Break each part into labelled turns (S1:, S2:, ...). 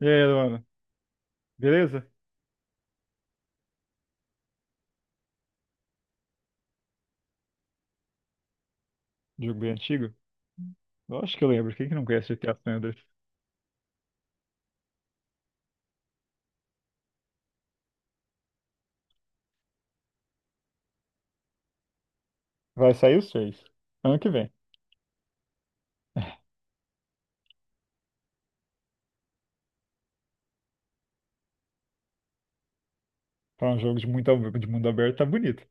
S1: E aí, Luana, beleza? Jogo bem antigo? Lógico que eu lembro, quem que não conhece GTA San Andreas? Vai sair os seis ano que vem. Pra um jogo de, muito, de mundo aberto, tá bonito.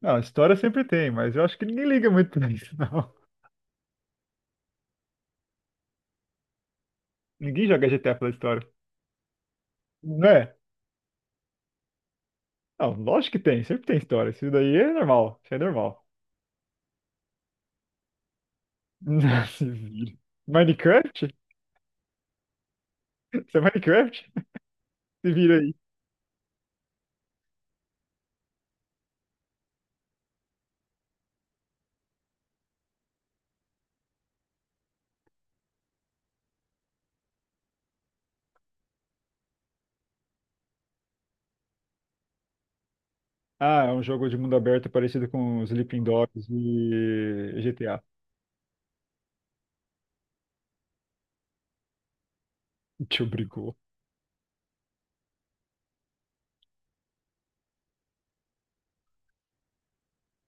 S1: Não, história sempre tem, mas eu acho que ninguém liga muito pra isso, não. Ninguém joga GTA pela história. Não é? Não, lógico que tem, sempre tem história. Isso daí é normal, isso é normal. Se vira. Minecraft? Isso é Minecraft? Se vira aí. Ah, é um jogo de mundo aberto parecido com Sleeping Dogs e GTA. Te obrigou.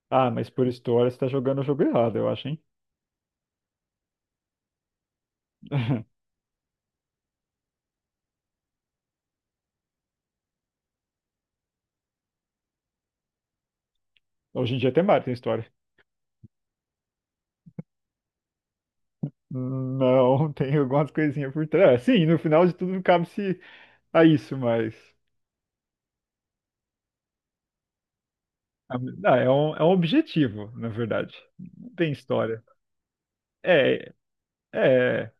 S1: Ah, mas por história você tá jogando o jogo errado, eu acho, hein? Hoje em dia até Mario tem história. Não, tem algumas coisinhas por trás. É, sim, no final de tudo cabe-se a isso, mas. Não, é um objetivo, na verdade. Não tem história. É, é.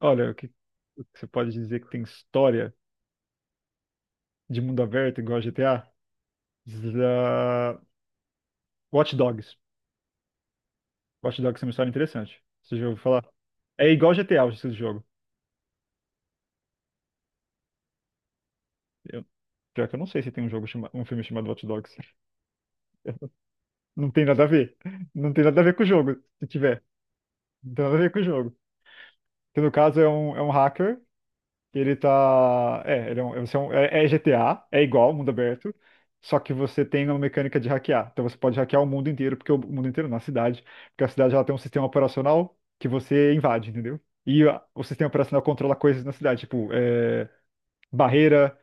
S1: Olha, o que você pode dizer que tem história de mundo aberto igual a GTA? Za- Watch Dogs. Watch Dogs é uma história interessante. Você já ouviu falar? É igual GTA, o estilo de jogo. Eu- pior que eu não sei se tem um jogo um filme chamado Watch Dogs. Não tem nada a ver. Não tem nada a ver com o jogo, se tiver. Não tem nada a ver com o jogo. Que no caso é um hacker, que ele tá. É, ele é, um, você é GTA, é igual mundo aberto, só que você tem uma mecânica de hackear. Então você pode hackear o mundo inteiro, porque o mundo inteiro, na cidade, porque a cidade ela tem um sistema operacional que você invade, entendeu? E o sistema operacional controla coisas na cidade, tipo, é, barreira,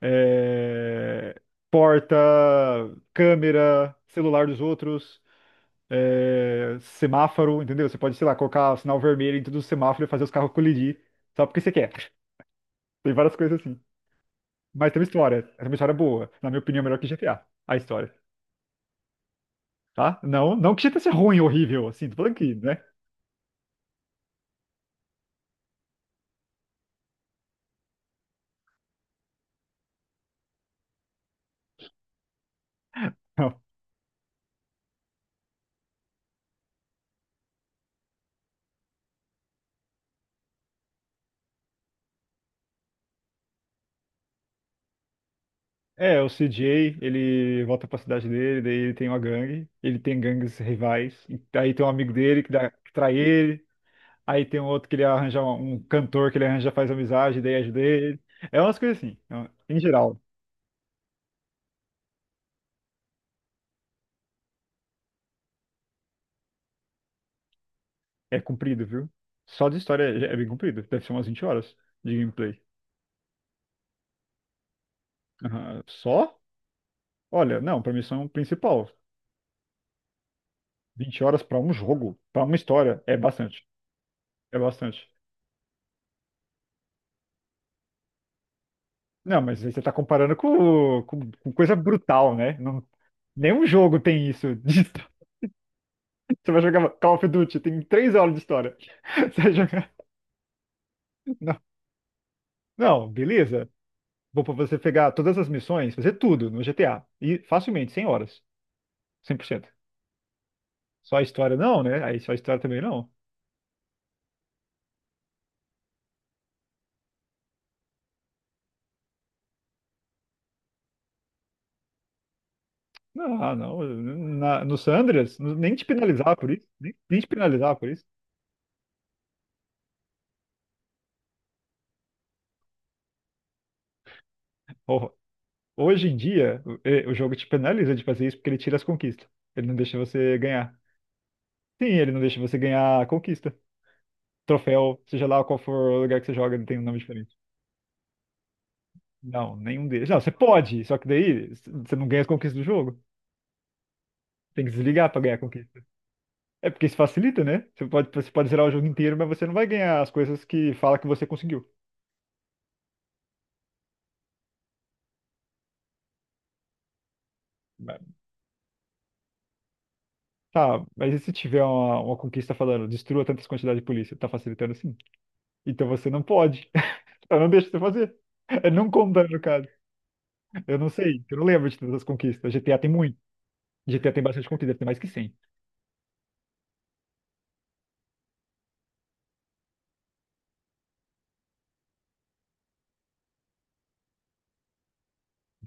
S1: é, porta, câmera, celular dos outros é, semáforo, entendeu? Você pode, sei lá, colocar sinal vermelho em todos os semáforos e fazer os carros colidir só porque você quer. Tem várias coisas assim. Mas tem uma história. É uma história boa. Na minha opinião, é melhor que GTA. A história, tá? Não, não que GTA seja ruim, horrível, assim, tô falando que, né? Não. É, o CJ, ele volta pra cidade dele, daí ele tem uma gangue, ele tem gangues rivais, e aí tem um amigo dele que, que trai ele, aí tem um outro que ele arranja um cantor que ele arranja, faz amizade, daí ajuda ele. É umas coisas assim, em geral. É comprido, viu? Só de história é bem comprido. Deve ser umas 20 horas de gameplay. Aham. Só? Olha, não, pra missão principal. 20 horas pra um jogo, pra uma história, é bastante. É bastante. Não, mas aí você tá comparando com coisa brutal, né? Não, nenhum jogo tem isso de história. Você vai jogar Call of Duty, tem 3 horas de história. Você vai jogar. Não, não, beleza. Vou pra você pegar todas as missões, fazer tudo no GTA. E facilmente, 100 horas. 100%. Só a história não, né? Aí só a história também não. Não, ah, não. No Sandras, nem te penalizar por isso. Nem te penalizar por isso. Ho- Hoje em dia, o jogo te penaliza de fazer isso porque ele tira as conquistas. Ele não deixa você ganhar. Sim, ele não deixa você ganhar a conquista. Troféu, seja lá qual for o lugar que você joga, ele tem um nome diferente. Não, nenhum deles. Não, você pode, só que daí você não ganha as conquistas do jogo. Tem que desligar pra ganhar a conquista. É porque isso facilita, né? Você pode zerar o jogo inteiro, mas você não vai ganhar as coisas que fala que você conseguiu. Tá, mas e se tiver uma conquista falando, destrua tantas quantidades de polícia? Tá facilitando sim. Então você não pode. Eu não deixo você fazer. Eu não conta, no caso. Eu não sei. Eu não lembro de todas as conquistas. GTA tem muito. GTA tem bastante conquista, deve ter mais que 100.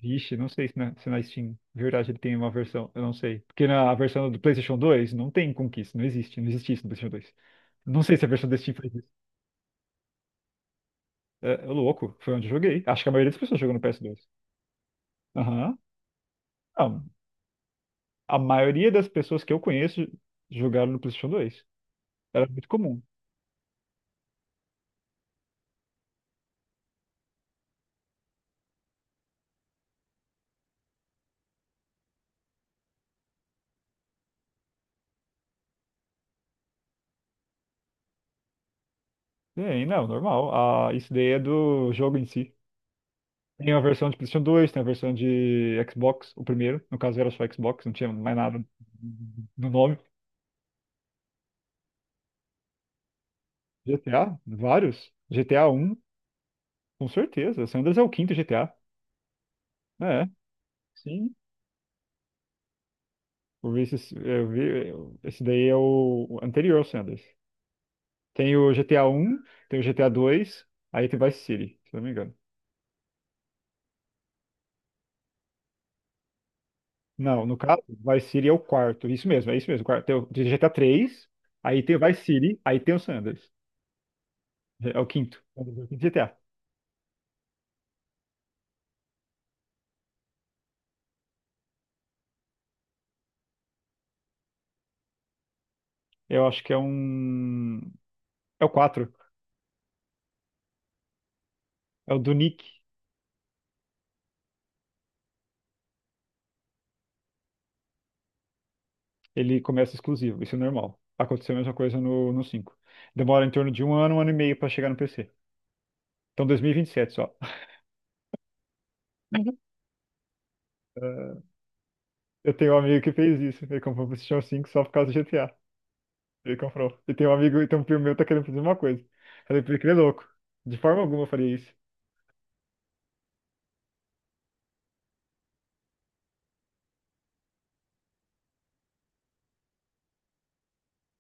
S1: Vixe, não sei se na Steam, de verdade, ele tem uma versão. Eu não sei. Porque na versão do PlayStation 2 não tem conquista. Não existe. Não existe isso no PlayStation 2. Não sei se a versão desse Steam faz isso. É, é louco. Foi onde eu joguei. Acho que a maioria das pessoas jogou no PS2. Aham. Não. A maioria das pessoas que eu conheço jogaram no PlayStation 2. Era muito comum. Tem, não, normal. Ah, isso daí é do jogo em si. Tem a versão de PlayStation 2, tem a versão de Xbox, o primeiro. No caso era só Xbox, não tinha mais nada no nome. GTA, vários. GTA 1 com certeza. San Andreas é o quinto GTA. É, sim. Eu vi esse, eu vi, esse daí é o anterior ao San Andreas. Tem o GTA 1, tem o GTA 2, aí tem Vice City, se não me engano. Não, no caso, Vice City é o quarto. Isso mesmo, é isso mesmo. O quarto. Tem o de GTA 3, aí tem o Vice City, aí tem o San Andreas. É o quinto. É o quinto GTA. Eu acho que é um. É o quatro. É o do Nick. Ele começa exclusivo. Isso é normal. Aconteceu a mesma coisa no 5. Demora em torno de um ano e meio pra chegar no PC. Então 2027 só. Eh, Eu tenho um amigo que fez isso. Ele comprou o PlayStation 5 só por causa do GTA. Ele comprou. E tem um amigo, e tem um primo meu que tá querendo fazer uma coisa. Falei, porque ele que ele é louco. De forma alguma eu faria isso.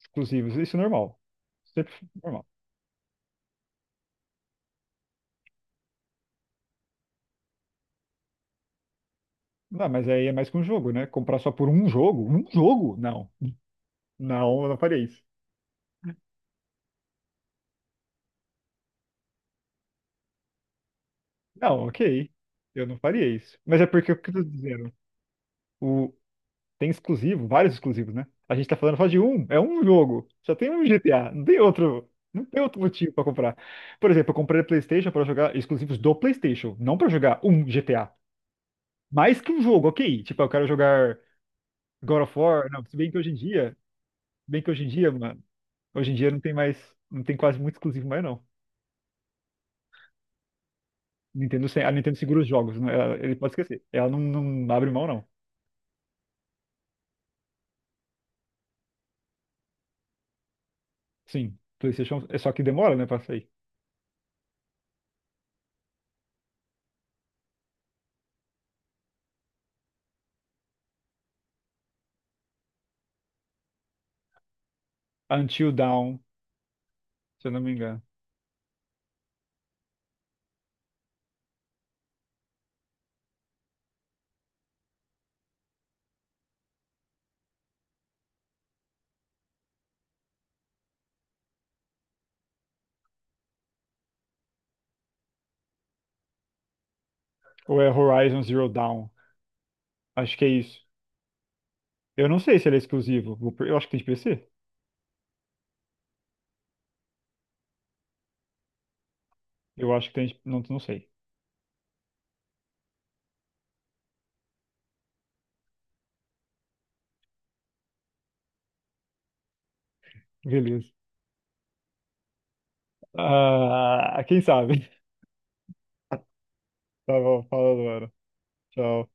S1: Exclusivos. Isso é normal. Sempre foi normal. Não, mas aí é mais que um jogo, né? Comprar só por um jogo? Um jogo? Não. Não, eu não faria isso. Não, ok. Eu não faria isso. Mas é porque o que eu tô dizendo? O... Tem exclusivo, vários exclusivos, né? A gente tá falando só de um. É um jogo. Só tem um GTA. Não tem outro. Não tem outro motivo pra comprar. Por exemplo, eu comprei a PlayStation pra jogar exclusivos do PlayStation, não pra jogar um GTA. Mais que um jogo, ok. Tipo, eu quero jogar God of War. Não, se bem que hoje em dia bem que hoje em dia, mano, hoje em dia não tem mais, não tem quase muito exclusivo mais não. Nintendo, a Nintendo segura os jogos, né? Ele pode esquecer. Ela não abre mão não. Sim, PlayStation é só que demora, né, pra sair. Until Dawn, se eu não me engano. Ou é Horizon Zero Dawn. Acho que é isso. Eu não sei se ele é exclusivo. Eu acho que tem de PC. Eu acho que tem de... Não, não sei. Beleza. Ah, quem sabe? Tá bom, falando, mano. Tchau.